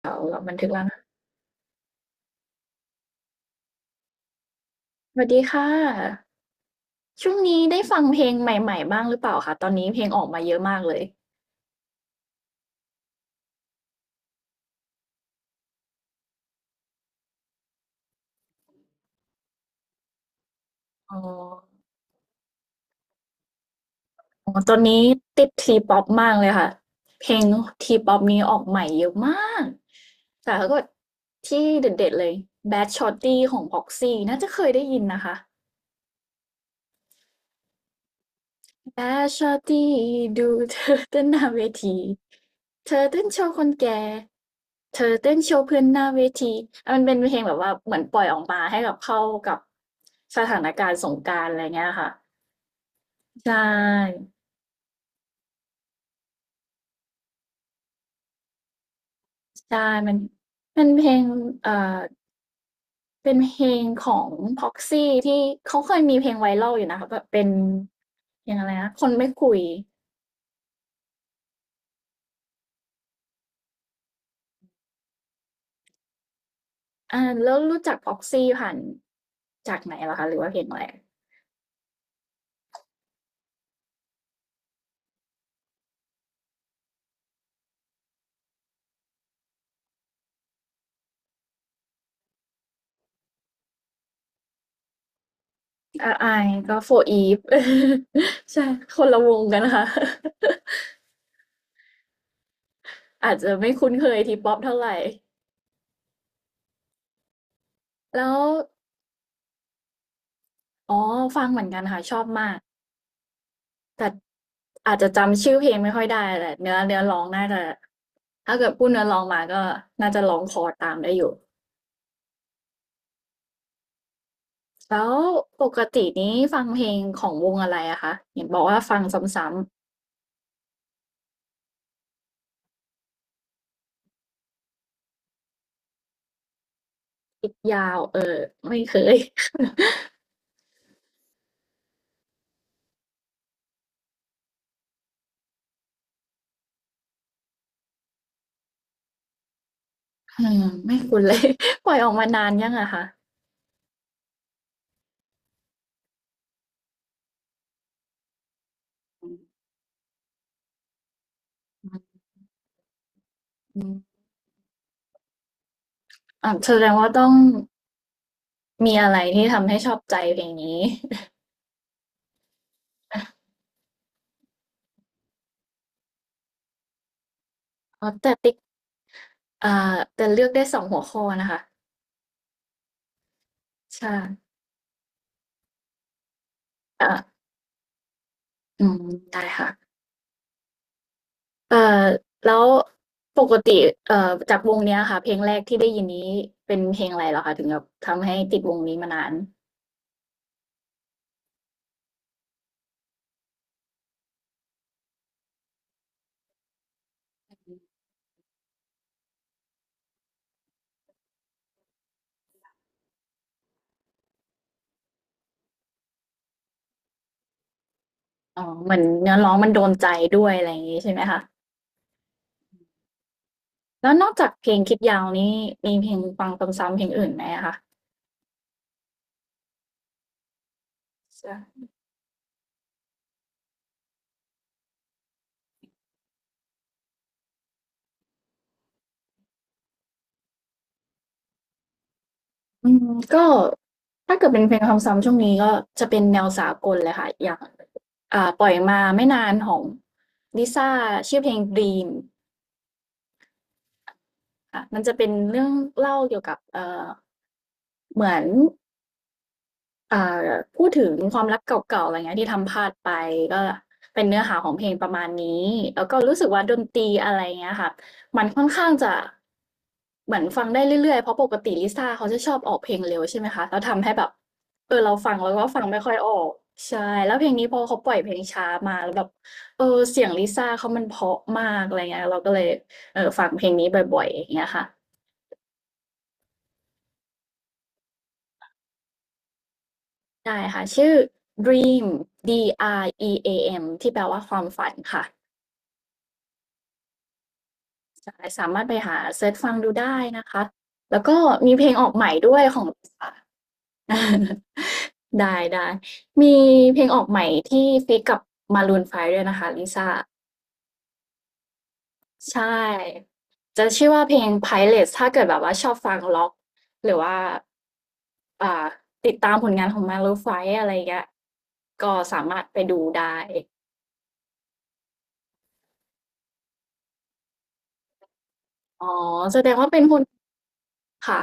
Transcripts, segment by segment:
เดี๋ยวเราบันทึกแล้วนะสวัสดีค่ะช่วงนี้ได้ฟังเพลงใหม่ๆบ้างหรือเปล่าคะตอนนี้เพลงออกมาเยอะมากเลยอ๋ออ๋อตอนนี้ติด T-pop มากเลยค่ะเพลง T-pop นี้ออกใหม่เยอะมากแต่ถ้าเกิดที่เด็ดๆเลย Bad Shorty ของ Proxy น่าจะเคยได้ยินนะคะ ตาชอตี้ดูเธอเต้นหน้าเวทีเธอเต้นโชว์คนแก่เธอเต้นโชว์เพื่อนหน้าเวทีอ่ะมันเป็นเพลงแบบว่าเหมือนปล่อยออกมาให้กับเข้ากับสถานการณ์สงกรานต์อะไรเงี้ยค่ะใช่ใช่มันเป็นเพลงเอ่อเป็นเพลงของ Proxy ที่เขาเคยมีเพลงไวรัลอยู่นะคะแบบเป็นเพลงอะไรนะคนไม่คุยอ่าแล้วรู้จัก Proxy ผ่านจากไหนเหรอคะหรือว่าเพลงอะไร RI ก็ 4EVE ใช่คนละวงกันนะค่ะ อาจจะไม่คุ้นเคยทีป๊อปเท่าไหร่แล้วอ๋อฟังเหมือนกันค่ะชอบมากแต่อาจจะจำชื่อเพลงไม่ค่อยได้แหละเนื้อร้องน่าจะถ้าเกิดพูดเนื้อร้องมาก็น่าจะร้องคอตามได้อยู่แล้วปกตินี้ฟังเพลงของวงอะไรอะคะเห็นบอกว่าฟังซ้ำๆยาวเออไม่เคย อืมไม่คุ้นเลย ปล่อยออกมานานยังอะคะอืมอ่ะแสดงว่าต้อง มีอะไรที่ทำให้ชอบใจเพลงนี้ อ๋อแต่ติ๊กอ่าแต่เลือกได้2หัวข้อนะคะใช่อาอืมได้ค่ะเอ่อแล้วปกติจากวงเนี้ยค่ะเพลงแรกที่ได้ยินนี้เป็นเพลงอะไรเหรอคะถึงแบบทำให้ติดวงนี้มานานอ๋อเหมือนเนื้อร้องมันโดนใจด้วยอะไรอย่างงี้ใช่ไหมคะแล้วนอกจากเพลงคิดยาวนี้ มีเพลงฟังซ้ำๆเพลงอื่นไหมอะคะใช่ อืมก็ถ้าเกิดเป็นเพลงซ้ำๆช่วงนี้ก็จะเป็นแนวสากลเลยค่ะอย่างอ่าปล่อยมาไม่นานของ Lisa ชื่อเพลง "Dream" ค่ะมันจะเป็นเรื่องเล่าเกี่ยวกับเหมือน อ่าพูดถึงความรักเก่าๆอะไรเงี้ยที่ทำพลาดไปก็เป็นเนื้อหาของเพลงประมาณนี้แล้วก็รู้สึกว่าดนตรีอะไรเงี้ยค่ะมันค่อนข้างจะเหมือนฟังได้เรื่อยๆเพราะปกติลิซ่าเขาจะชอบออกเพลงเร็วใช่ไหมคะแล้วทำให้แบบเออเราฟังแล้วก็ฟังไม่ค่อยออกใช่แล้วเพลงนี้พอเขาปล่อยเพลงช้ามาแล้วแบบเออเสียงลิซ่าเขามันเพราะมากอะไรเงี้ยเราก็เลยเออฟังเพลงนี้บ่อยๆอย่างเงี้ยค่ะ ได้ค่ะชื่อ Dream D R E A M ที่แปลว่าความฝันค่ะใช่สามารถไปหาเซิร์ชฟังดูได้นะคะแล้วก็มีเพลงออกใหม่ด้วยของลิซ่า ได้ได้มีเพลงออกใหม่ที่ฟีกกับ Maroon 5ด้วยนะคะลิซ่าใช่จะชื่อว่าเพลง Pilot ถ้าเกิดแบบว่าชอบฟังล็อกหรือว่าอ่าติดตามผลงานของ Maroon 5อะไรอย่างเงี้ยก็สามารถไปดูได้อ๋อแสดงว่าเป็นคน ค่ะ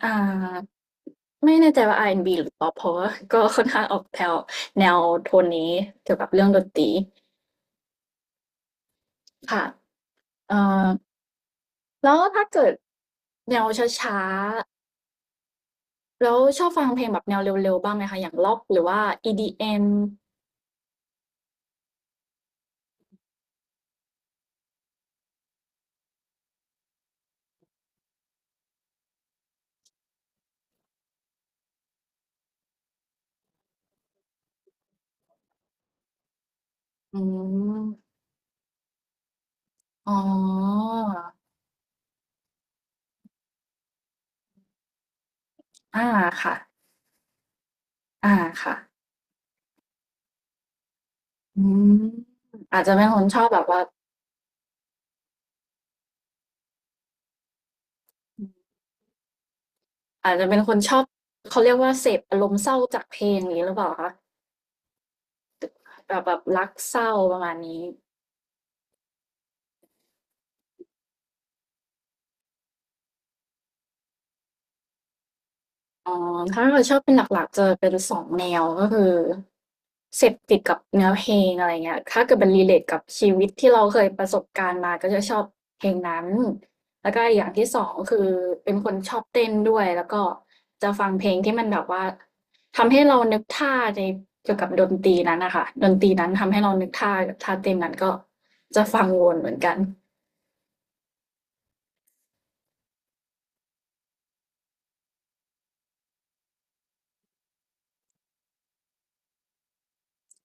อ่าไม่แน่ใจว่าอาร์แอนด์บ b หรือป๊อปเพราะว่าก็ค่อนข้างออกแถวแนวโทนนี้เกี่ยวกับเรื่องดนตรีค่ะเอ่อแล้วถ้าเกิดแนวช้าๆแล้วชอบฟังเพลงแบบแนวเร็วๆ บ้างไหมคะ อย่างร็อกหรือว่า EDM อืมอ๋ออาค่ะอาค่ะอืมอาจจะเป็นคนชอบแบบว่า อาจจะเป็นคนชอบเขาเรียกว่าเสพอารมณ์เศร้าจากเพลงอย่างงี้หรือเปล่าคะ แบบแบบรักเศร้าประมาณนี้อ๋อถ้าเกิดชอบเป็นหลักๆจะเป็นสองแนวก็คือเสพติดกับเนื้อเพลงอะไรเงี้ยถ้าเกิดมัน relate กับชีวิตที่เราเคยประสบการณ์มาก็จะชอบเพลงนั้นแล้วก็อีกอย่างที่2ก็คือเป็นคนชอบเต้นด้วยแล้วก็จะฟังเพลงที่มันแบบว่าทำให้เรานึกท่าในเกี่ยวกับดนตรีนั้นน่ะค่ะดนตรีนั้นทำให้เรานึกท่าเต้นนั้นก็จะฟังวนเหมือนกัน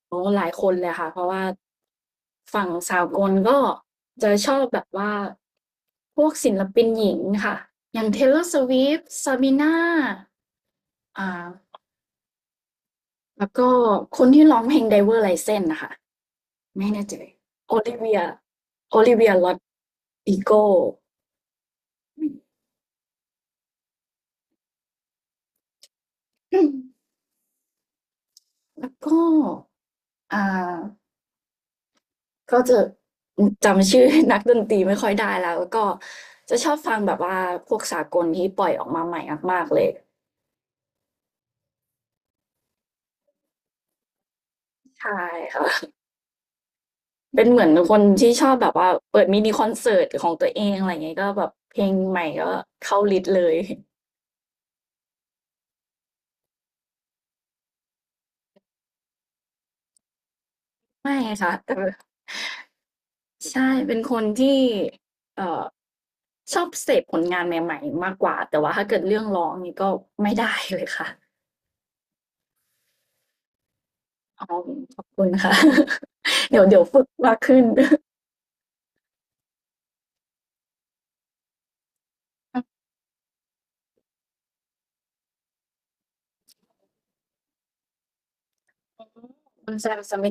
โอ้หลายคนเลยค่ะ เพราะว่าฝั่งสากลก็จะชอบแบบว่าพวกศิลปินหญิงค่ะ อย่าง Taylor Swift Sabrina อ่าแล้วก็คนที่ร้องเพลง Driver's License น่ะค่ะไม่แน่ใจ Olivia Olivia Rodrigo อืมแล้วก็อ่าก็จะอืมจำชื่อนักดนตรีไม่ค่อยได้แล้ว แล้วก็จะชอบฟังแบบว่าพวกสากลที่ปล่อยออกมาใหม่มากๆเลย ใช่ค่ะ เป็นเหมือนคนที่ชอบแบบว่าเปิดมินิคอนเสิร์ตของตัวเองอะไรเงี้ยก็แบบเพลงใหม่ก็เข้าลิสต์เลย ไม่ค่ะแต่ใช่เป็นคนที่เอ่อชอบเสพผลงานใหม่ๆมากกว่าแต่ว่าถ้าเกิดเรื่องร้องนี่ก็ไม่ได้เลยค่ะอ๋อขอบคุณค่ะ เดี๋ยวฝึกมากขึ้นอืมคุณแสมส m i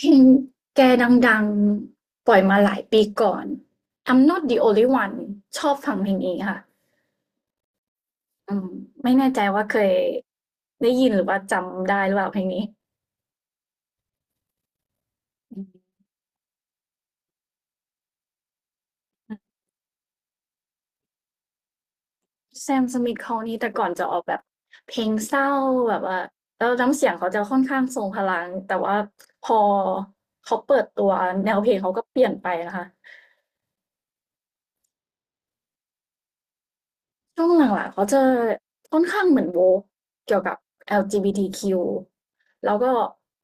t เพลงแกดังๆปล่อยมาหลายปีก่อน I'm Not the Only One ชอบฟังเพลงนี้ค่ะ อืมไม่แน่ใจว่าเคยได้ยินหรือว่าจำได้หรือเปล่าเพลงนี้อืมแซมสมิทเขานี่แต่ก่อนจะออกแบบเพลงเศร้าแบบว่าแล้วน้ำเสียงเขาจะค่อนข้างทรงพลังแต่ว่าพอเขาเปิดตัวแนวเพลงเขาก็เปลี่ยนไปนะคะ ช่วงหลังๆเขาจะค่อนข้างเหมือน woke เกี่ยวกับ LGBTQ แล้วก็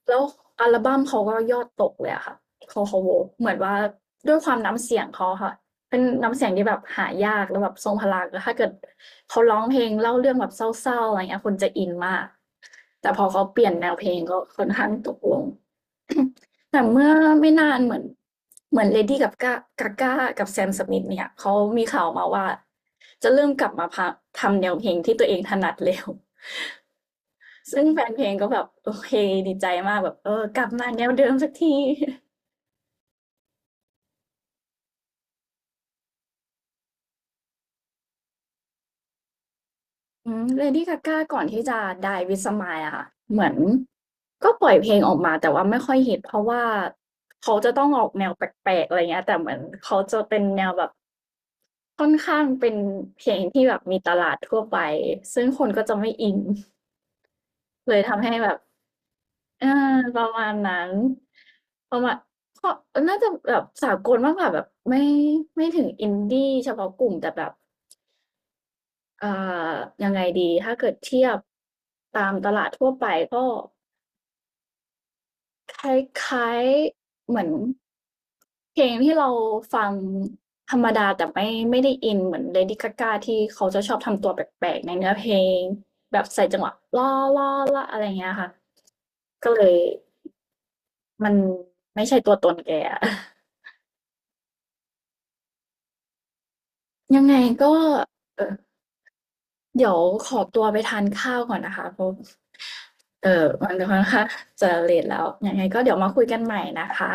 แล้วอัลบัมเขาก็ยอดตกเลยอะค่ะเขา woke เหมือนว่าด้วยความน้ำเสียงเขาอะค่ะเป็นน้ำเสียงที่แบบหายากแล้วแบบทรงพลังแล้วถ้าเกิดเขาร้องเพลงเล่าเรื่องแบบเศร้าๆอะไรเงี้ยคนจะอินมากแต่พอเขาเปลี่ยนแนวเพลงก็ค่อนข้างตกลง แต่เมื่อไม่นานเหมือน Lady Gaga Gaga กับ Sam Smith เนี่ยเขามีข่าวมาว่าจะเริ่มกลับมาพะทำแนวเพลงที่ตัวเองถนัดแล้ว ซึ่งแฟนเพลงก็แบบโอเคดีใจมากแบบเออกลับมาแนวเดิมสักที อืม Lady Gaga ก่อนที่จะ Die with Smile อะค่ะเหมือนก็ปล่อยเพลงออกมาแต่ว่าไม่ค่อยฮิตเพราะว่าเขาจะต้องออกแนวแปลกๆอะไรเงี้ยแต่เหมือนเขาจะเป็นแนวแบบ ค่อนข้างเป็นเพลงที่แบบมีตลาดทั่วไปซึ่งคนก็จะไม่อินเลยทำให้แบบเออประมาณนั้นประมาณก็น่าจะแบบสากลมากกว่าแบบไม่ถึง Indie เฉพาะกลุ่มแต่แบบอ่ายังไงดีถ้าเกิดเทียบตามตลาดทั่วไปก็ คล้ายๆเหมือนเพลงที่เราฟังธรรมดาแต่ไม่ได้อินเหมือน Lady Gaga ที่เขาจะชอบทำตัวแปลกๆในเนื้อเพลงแบบใส่จังหวะอะไรอย่างเงี้ยค่ะก็เลยมันไม่ใช่ตัวตนแกอะ ยังไงก็เอ่อเดี๋ยวขอตัวไปทานข้าวก่อนนะคะเพราะมันค่อนข้างจะเลตแล้วยังไงก็เดี๋ยวมาคุยกันใหม่นะคะ